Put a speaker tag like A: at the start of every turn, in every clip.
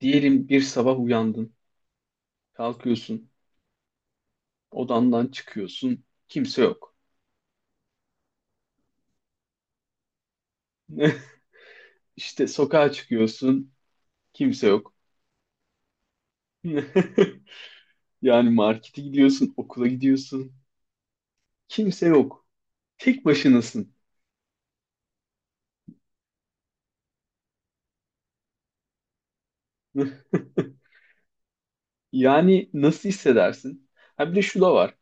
A: Diyelim bir sabah uyandın, kalkıyorsun, odandan çıkıyorsun, kimse yok. İşte sokağa çıkıyorsun, kimse yok. Yani markete gidiyorsun, okula gidiyorsun, kimse yok. Tek başınasın. Yani nasıl hissedersin? Ha bir de şu da var.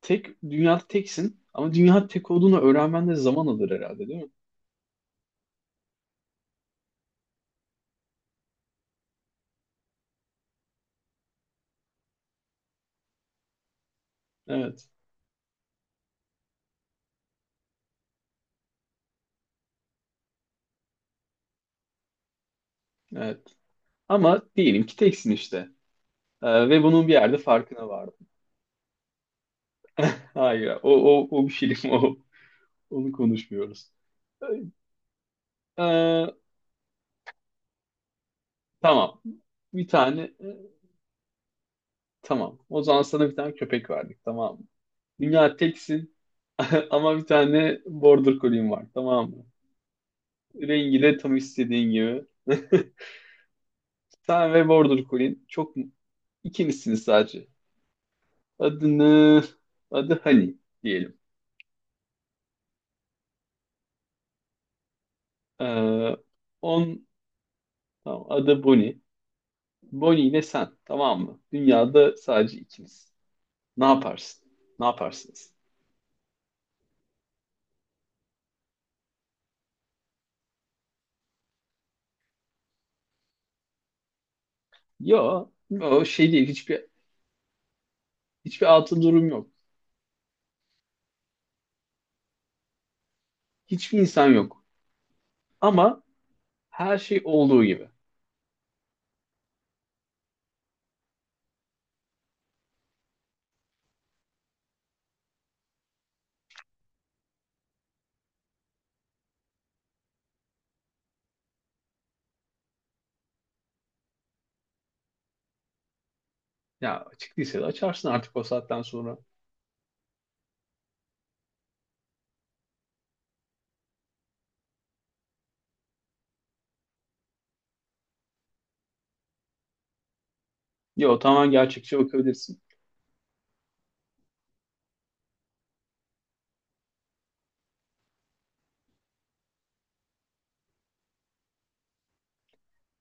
A: Tek dünyada teksin ama dünya tek olduğunu öğrenmen de zaman alır herhalde, değil mi? Evet. Evet. Ama diyelim ki teksin işte. Ve bunun bir yerde farkına var. Hayır, o, o, o bir film, onu konuşmuyoruz. Ee, tamam, bir tane, e, tamam. O zaman sana bir tane köpek verdik, tamam mı? Dünya teksin ama bir tane border collie'm var, tamam mı? Rengi de tam istediğin gibi. Sen ve border collie'in ikinizsiniz sadece. Adını, Adı Hani diyelim. Ee, on, tamam, adı Bonnie. Bonnie ile sen, tamam mı? Dünyada sadece ikiniz. Ne yaparsın? Ne yaparsınız? Yo, o şey değil. Hiçbir altı durum yok. Hiçbir insan yok. Ama her şey olduğu gibi. Ya açık değilse de açarsın artık o saatten sonra. Yo, tamamen gerçekçi bakabilirsin.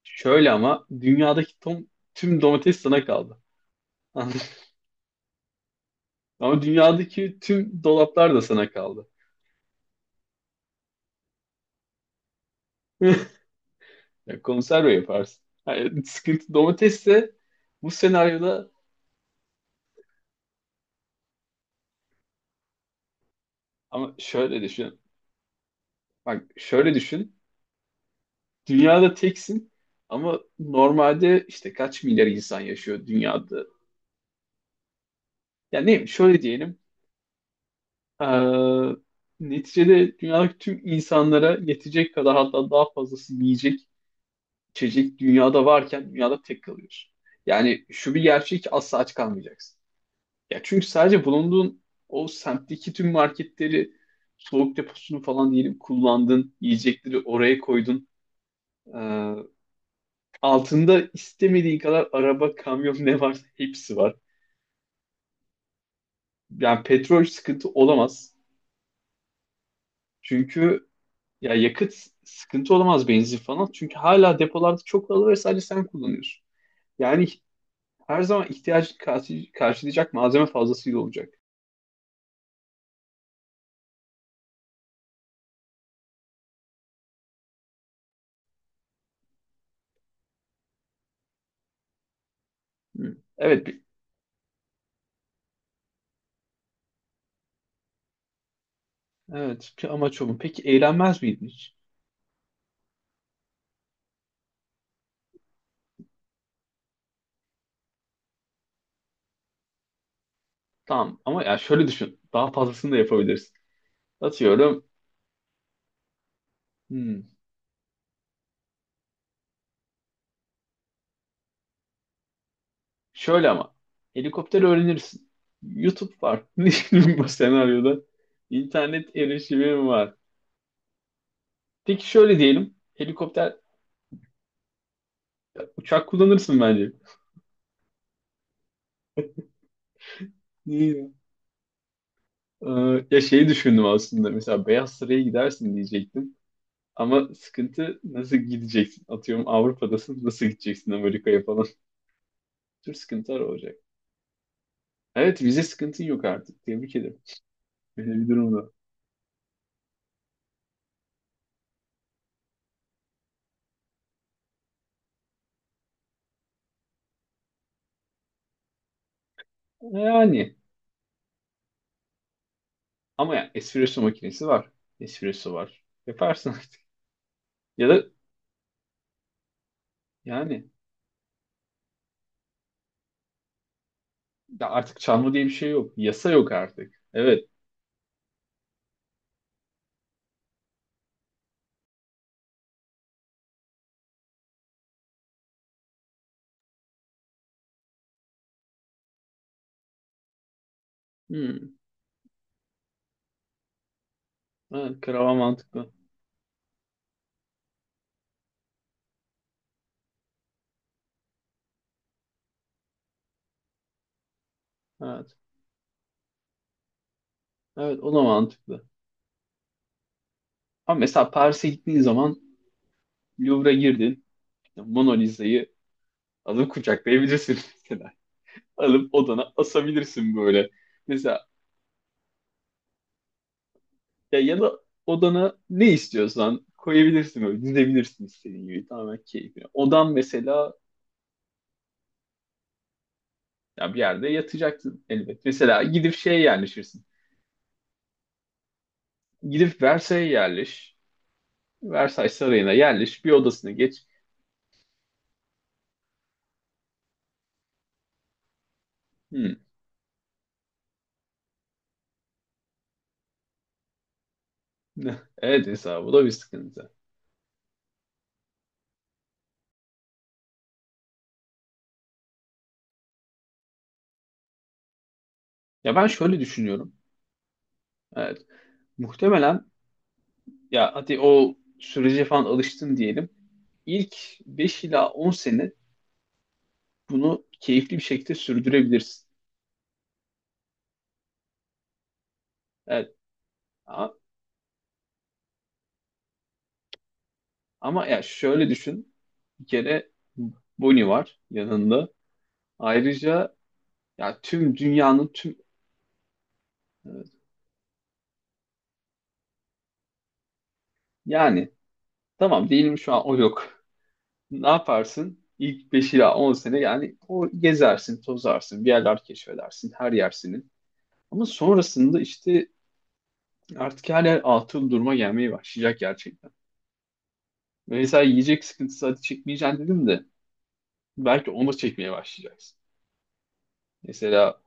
A: Şöyle ama dünyadaki tüm domates sana kaldı. Ama dünyadaki tüm dolaplar da sana kaldı. Ya konserve yaparsın. Yani sıkıntı domatesse bu senaryoda, ama şöyle düşün. Bak, şöyle düşün. Dünyada teksin ama normalde işte kaç milyar insan yaşıyor dünyada? Yani ne, şöyle diyelim. eee, Neticede dünyadaki tüm insanlara yetecek kadar, hatta daha fazlası yiyecek, içecek dünyada varken dünyada tek kalıyorsun. Yani şu bir gerçek ki asla aç kalmayacaksın. Ya çünkü sadece bulunduğun o semtteki tüm marketleri, soğuk deposunu falan diyelim kullandın, yiyecekleri oraya koydun. Ee, Altında istemediği kadar araba, kamyon ne varsa hepsi var. Yani petrol sıkıntı olamaz. Çünkü ya yakıt sıkıntı olamaz, benzin falan. Çünkü hala depolarda çok fazla ve sadece sen kullanıyorsun. Yani her zaman ihtiyacını karşılayacak malzeme fazlasıyla olacak. Hı. Evet, evet. Ki amaç o mu? Peki eğlenmez miydin hiç? Tamam ama ya şöyle düşün. Daha fazlasını da yapabilirsin. Atıyorum. Hmm. Şöyle ama helikopter öğrenirsin. YouTube var. Bu senaryoda internet erişimim var. Peki şöyle diyelim. Helikopter, uçak kullanırsın bence. Niye? Ee, Ya şeyi düşündüm aslında. Mesela Beyaz Saray'a gidersin diyecektim. Ama sıkıntı, nasıl gideceksin? Atıyorum Avrupa'dasın. Nasıl gideceksin Amerika'ya falan? Tür sıkıntılar olacak. Evet, vize sıkıntın yok artık. Tebrik ederim. Böyle bir durumda. Yani. Ama ya espresso makinesi var. Espresso var. Yaparsın artık. Ya da yani ya artık çalma diye bir şey yok. Yasa yok artık. Evet. Hmm. Evet, krava mantıklı. Evet. Evet, o da mantıklı. Ama mesela Paris'e gittiğin zaman Louvre'a girdin. İşte Mona Lisa'yı alıp kucaklayabilirsin mesela. Alıp odana asabilirsin böyle. Mesela ya da odana ne istiyorsan koyabilirsin böyle. Dizebilirsin istediğin gibi. Tamamen keyfine. Odan mesela, ya bir yerde yatacaksın elbet. Mesela gidip şeye yerleşirsin. Gidip Versailles'e yerleş. Versailles Sarayı'na yerleş, bir odasına geç. Hmm. Evet Esra, bu da bir sıkıntı. Ya ben şöyle düşünüyorum. Evet. Muhtemelen, ya hadi o sürece falan alıştın diyelim. İlk 5 ila 10 sene bunu keyifli bir şekilde sürdürebilirsin. Evet. Ama, ama ya şöyle düşün. Bir kere Bonnie var yanında. Ayrıca ya tüm dünyanın tüm... Evet. Yani tamam, diyelim şu an o yok. Ne yaparsın? İlk 5 ila 10 sene yani o gezersin, tozarsın, bir yerler keşfedersin, her yer senin. Ama sonrasında işte artık her yer atıl duruma gelmeye başlayacak gerçekten. Mesela yiyecek sıkıntısı hadi çekmeyeceksin dedim de belki onu da çekmeye başlayacaksın. Mesela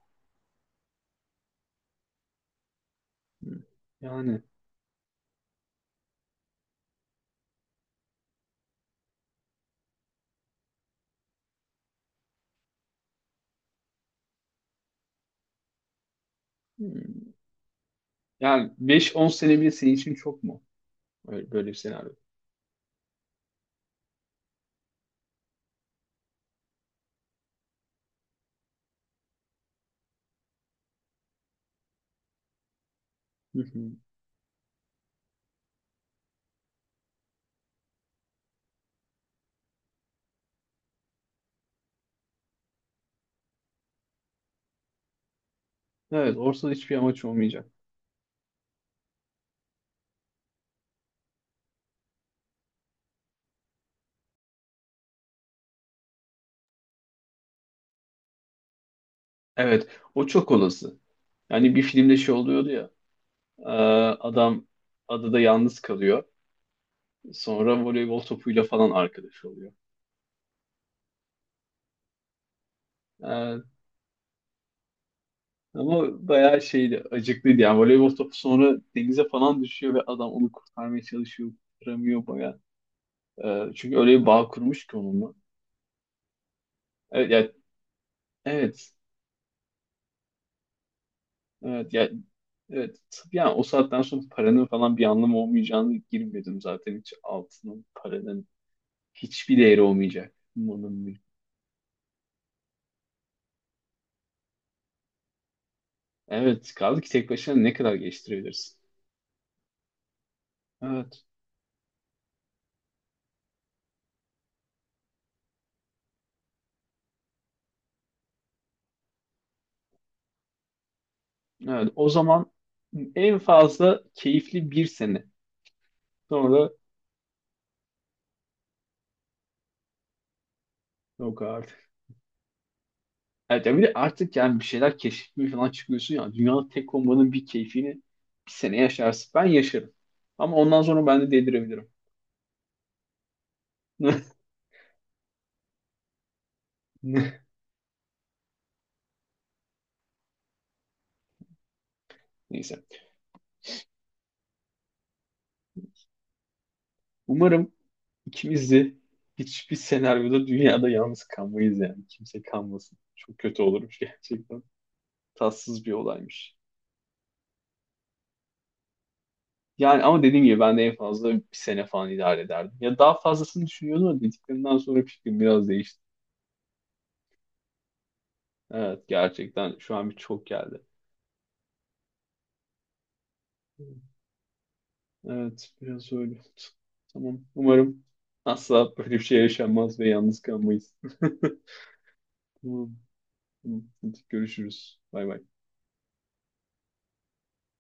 A: yani yani 5-10 sene bile senin için çok mu? Öyle, böyle bir senaryo. Hı hı. Evet, ortada hiçbir amaç olmayacak. Evet, o çok olası. Yani bir filmde şey oluyordu ya. Ee, Adam adada yalnız kalıyor. Sonra voleybol topuyla falan arkadaş oluyor. Ee, Ama bayağı şeydi, acıklıydı yani. Voleybol topu sonra denize falan düşüyor ve adam onu kurtarmaya çalışıyor, kurtaramıyor bayağı. Çünkü öyle bir bağ kurmuş ki onunla. Evet, yani, evet, evet, yani, evet. Yani o saatten sonra paranın falan bir anlamı olmayacağını girmedim zaten, hiç altının, paranın hiçbir değeri olmayacak. Evet, kaldı ki tek başına ne kadar geliştirebilirsin. Evet. Evet, o zaman en fazla keyifli bir sene. Sonra yok artık. Evet, ya bir de artık yani bir şeyler keşfetmeye falan çıkıyorsun ya. Dünyanın tek olmanın bir keyfini bir sene yaşarsın. Ben yaşarım. Ama ondan sonra ben de delirebilirim. Neyse. Umarım ikimiz de hiçbir senaryoda dünyada yalnız kalmayız yani. Kimse kalmasın. Çok kötü olurmuş gerçekten. Tatsız bir olaymış. Yani ama dediğim gibi ben de en fazla bir sene falan idare ederdim. Ya daha fazlasını düşünüyordum ama dediklerimden sonra fikrim biraz değişti. Evet, gerçekten şu an bir çok geldi. Evet, biraz öyle oldu. Tamam, umarım asla böyle bir şey yaşanmaz ve yalnız kalmayız. Tamam. Tamam. Hadi görüşürüz. Bay bay.